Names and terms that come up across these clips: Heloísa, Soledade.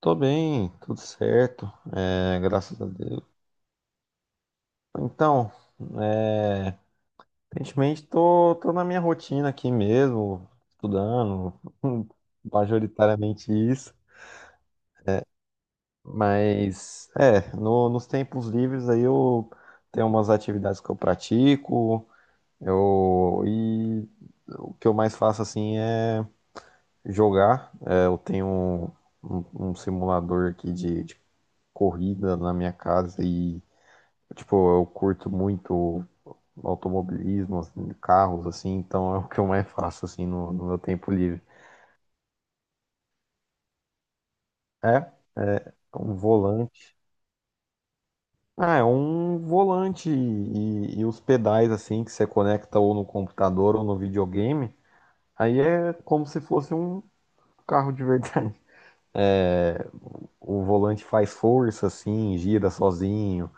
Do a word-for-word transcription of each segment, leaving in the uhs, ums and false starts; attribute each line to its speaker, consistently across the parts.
Speaker 1: Tô bem, tudo certo, é, graças a Deus. Então, é, aparentemente tô, tô na minha rotina aqui mesmo, estudando, majoritariamente isso, mas é, no- nos tempos livres aí eu tenho umas atividades que eu pratico, eu, e o que eu mais faço assim é jogar. É, eu tenho um, um simulador aqui de de corrida na minha casa e tipo, eu curto muito automobilismo, assim, carros, assim, então é o que eu mais faço, assim, no, no meu tempo livre. É, é um volante. Ah, é um volante e, e os pedais, assim, que você conecta ou no computador ou no videogame. Aí é como se fosse um carro de verdade. O volante faz força, assim, gira sozinho.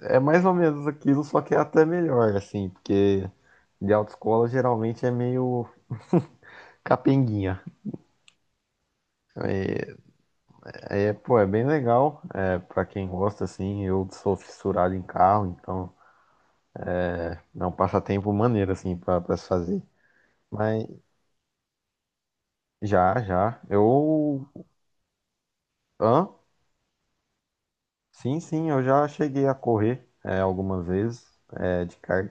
Speaker 1: É mais ou menos aquilo, só que é até melhor, assim, porque de autoescola geralmente é meio capenguinha. É, pô, é bem legal. É, pra quem gosta, assim, eu sou fissurado em carro, então é um passatempo maneiro, assim, pra, pra se fazer. Mas já, já. Eu. Hã? Sim, sim, eu já cheguei a correr é, algumas vezes é, de kart.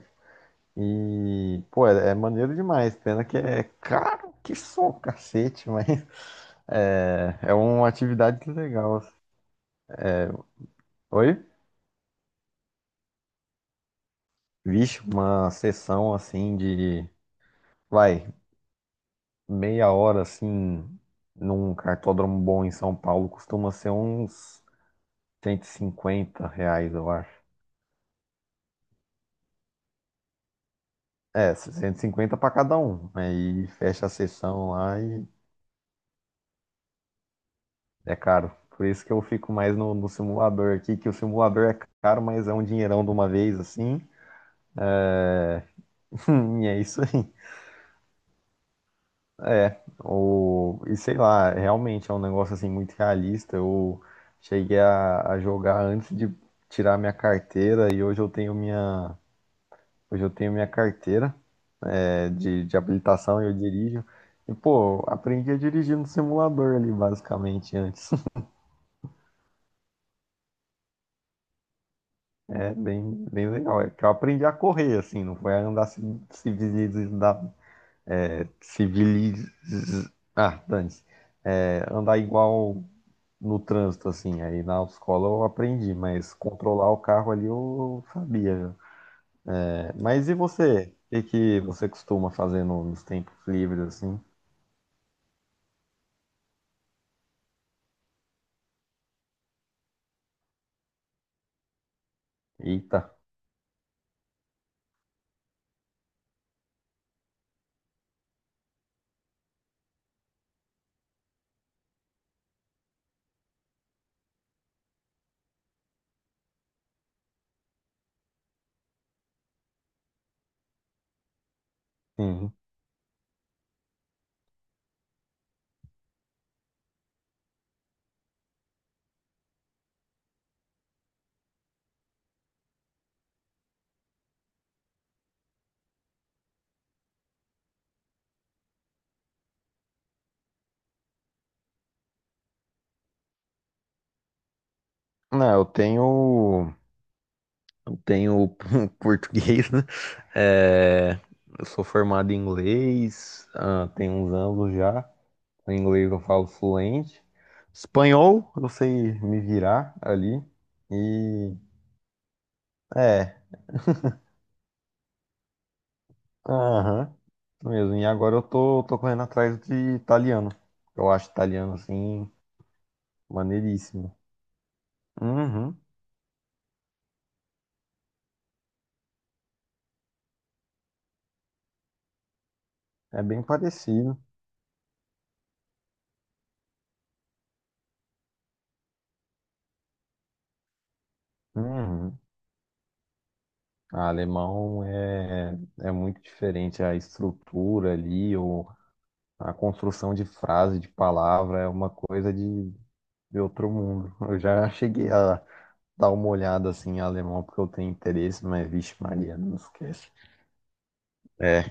Speaker 1: E, pô, é, é maneiro demais. Pena que é caro, que só cacete, mas é, é uma atividade legal. Oi? Vixe, uma sessão assim de. Vai, meia hora assim num cartódromo bom em São Paulo costuma ser uns cento e cinquenta reais, eu acho. É, cento e cinquenta para cada um. Aí fecha a sessão lá e é caro. Por isso que eu fico mais no, no simulador aqui, que o simulador é caro, mas é um dinheirão de uma vez assim. E é isso aí. É, o, e sei lá, realmente é um negócio assim muito realista. Eu cheguei a, a jogar antes de tirar minha carteira e hoje eu tenho minha Hoje eu tenho minha carteira, é, de, de habilitação e eu dirijo. E, pô, aprendi a dirigir no simulador ali, basicamente, antes. É bem, bem legal. É que eu aprendi a correr, assim, não foi a andar ci- civilizado. É, civiliz... Ah, dane andar igual no trânsito, assim. Aí na escola eu aprendi, mas controlar o carro ali eu sabia, né? É, mas e você? O que que você costuma fazer no- nos tempos livres, assim? Eita. Uhum. Não, eu tenho, eu tenho português, né? É, eu sou formado em inglês, ah, tem uns anos já. O inglês eu falo fluente. Espanhol, eu sei me virar ali. E é, aham, mesmo. E agora eu tô, tô correndo atrás de italiano. Eu acho italiano assim maneiríssimo. Uhum, é bem parecido. Uhum. A alemão é, é muito diferente, a estrutura ali, ou a construção de frase, de palavra, é uma coisa de, de outro mundo. Eu já cheguei a dar uma olhada assim em alemão porque eu tenho interesse, mas vixe Maria, não esquece. É,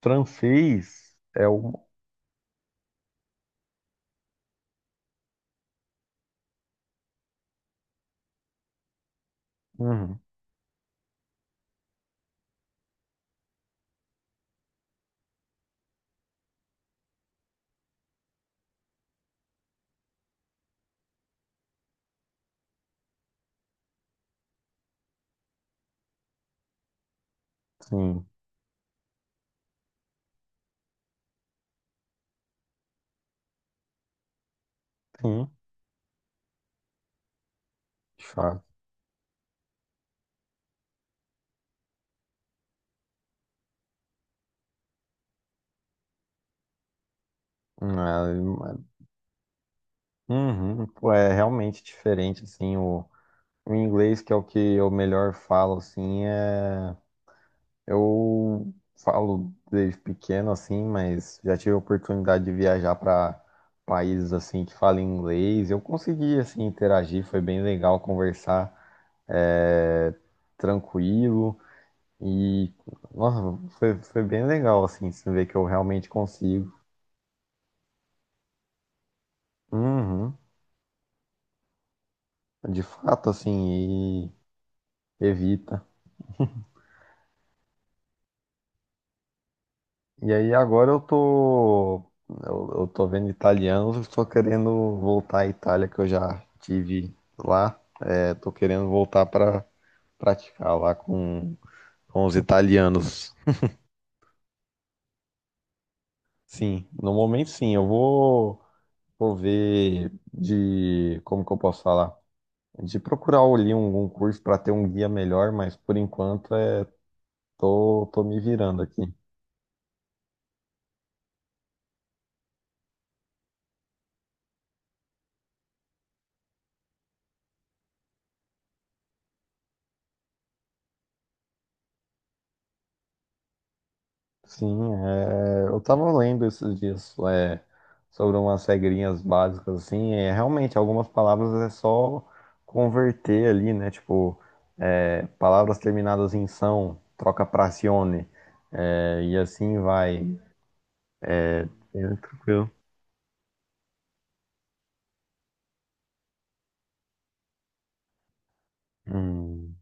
Speaker 1: francês é o... Uhum, sim, sim, de fato. Uhum, uhum, pô, é realmente diferente, assim, o, o inglês, que é o que eu melhor falo, assim, é Eu falo desde pequeno assim, mas já tive a oportunidade de viajar para países assim que falam inglês. Eu consegui assim interagir, foi bem legal conversar, é, tranquilo e nossa, foi, foi bem legal assim, se ver que eu realmente consigo. Uhum, de fato assim, e evita. E aí agora eu tô eu, eu tô vendo italianos, estou querendo voltar à Itália que eu já tive lá. É, tô querendo voltar pra praticar lá com, com os italianos. Sim, no momento sim, eu vou, vou ver, de, como que eu posso falar? De procurar ali um, um curso para ter um guia melhor, mas por enquanto é, tô, tô me virando aqui. Sim, é, eu tava lendo esses dias é, sobre umas regrinhas básicas, assim, é, realmente algumas palavras é só converter ali, né? Tipo, é, palavras terminadas em são, troca pra cione, é, e assim vai. É, tranquilo. Hum,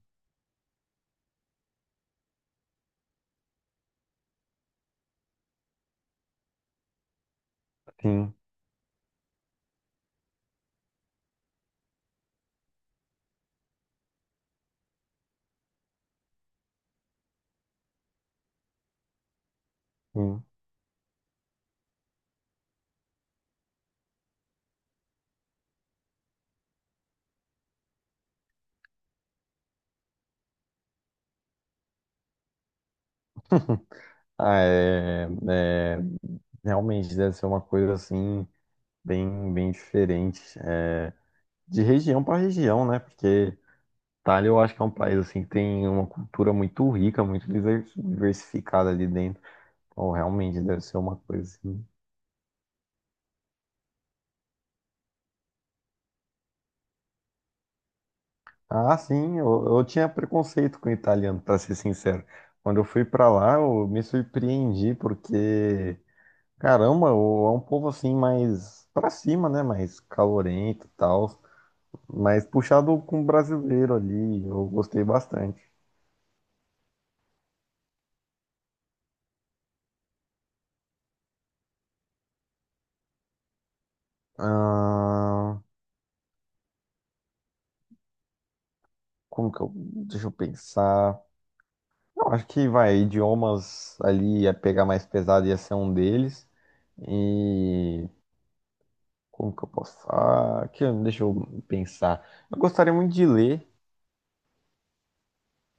Speaker 1: sim, sim. Ah, é, é, realmente deve ser uma coisa assim, bem, bem diferente. é, De região para região, né? Porque Itália, eu acho que é um país assim que tem uma cultura muito rica, muito diver- diversificada ali dentro. Então, realmente deve ser uma coisa assim. Ah, sim, eu, eu tinha preconceito com o italiano, pra ser sincero. Quando eu fui pra lá, eu me surpreendi porque, caramba, o- é um povo assim mais pra cima, né? Mais calorento e tal, mas puxado com o brasileiro ali. Eu gostei bastante. Ah, como que eu, deixa eu pensar. Eu Acho que vai, idiomas ali ia pegar mais pesado, ia ser um deles. E como que eu posso? Ah, que, deixa eu pensar. Eu gostaria muito de ler,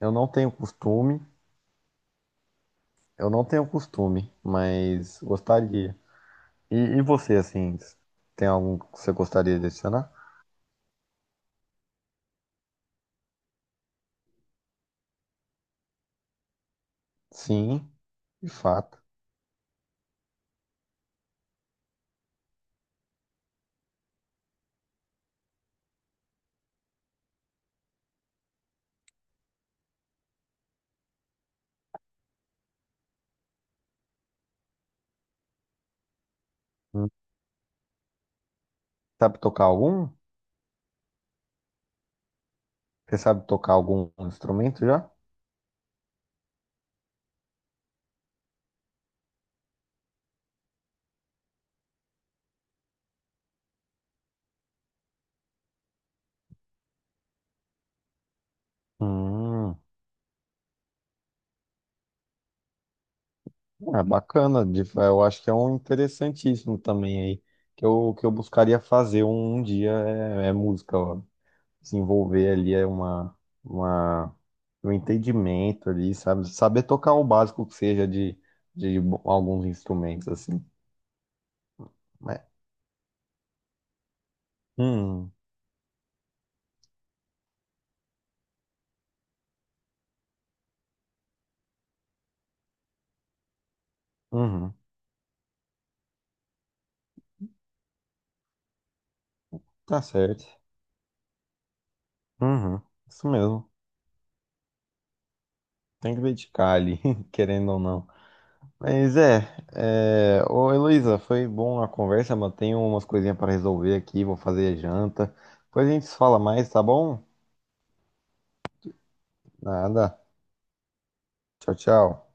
Speaker 1: eu não tenho costume, eu não tenho costume, mas gostaria. E, e você, assim, tem algum que você gostaria de adicionar? Sim, de fato. Hum, Sabe tocar algum? Você sabe tocar algum instrumento já? Hum. É bacana, de- eu acho que é um interessantíssimo também aí, que eu, que eu buscaria fazer um, um dia, é, é música, ó. desenvolver ali é uma, uma, um entendimento ali, sabe? Saber tocar o básico que seja de, de bo- alguns instrumentos, assim. né? Hum, uhum, tá certo, uhum, isso mesmo, tem que dedicar ali, querendo ou não. Mas é, é... Ô Heloísa, foi bom a conversa, mas tenho umas coisinhas para resolver aqui, vou fazer a janta. Depois a gente se fala mais, tá bom? Nada. Tchau, tchau.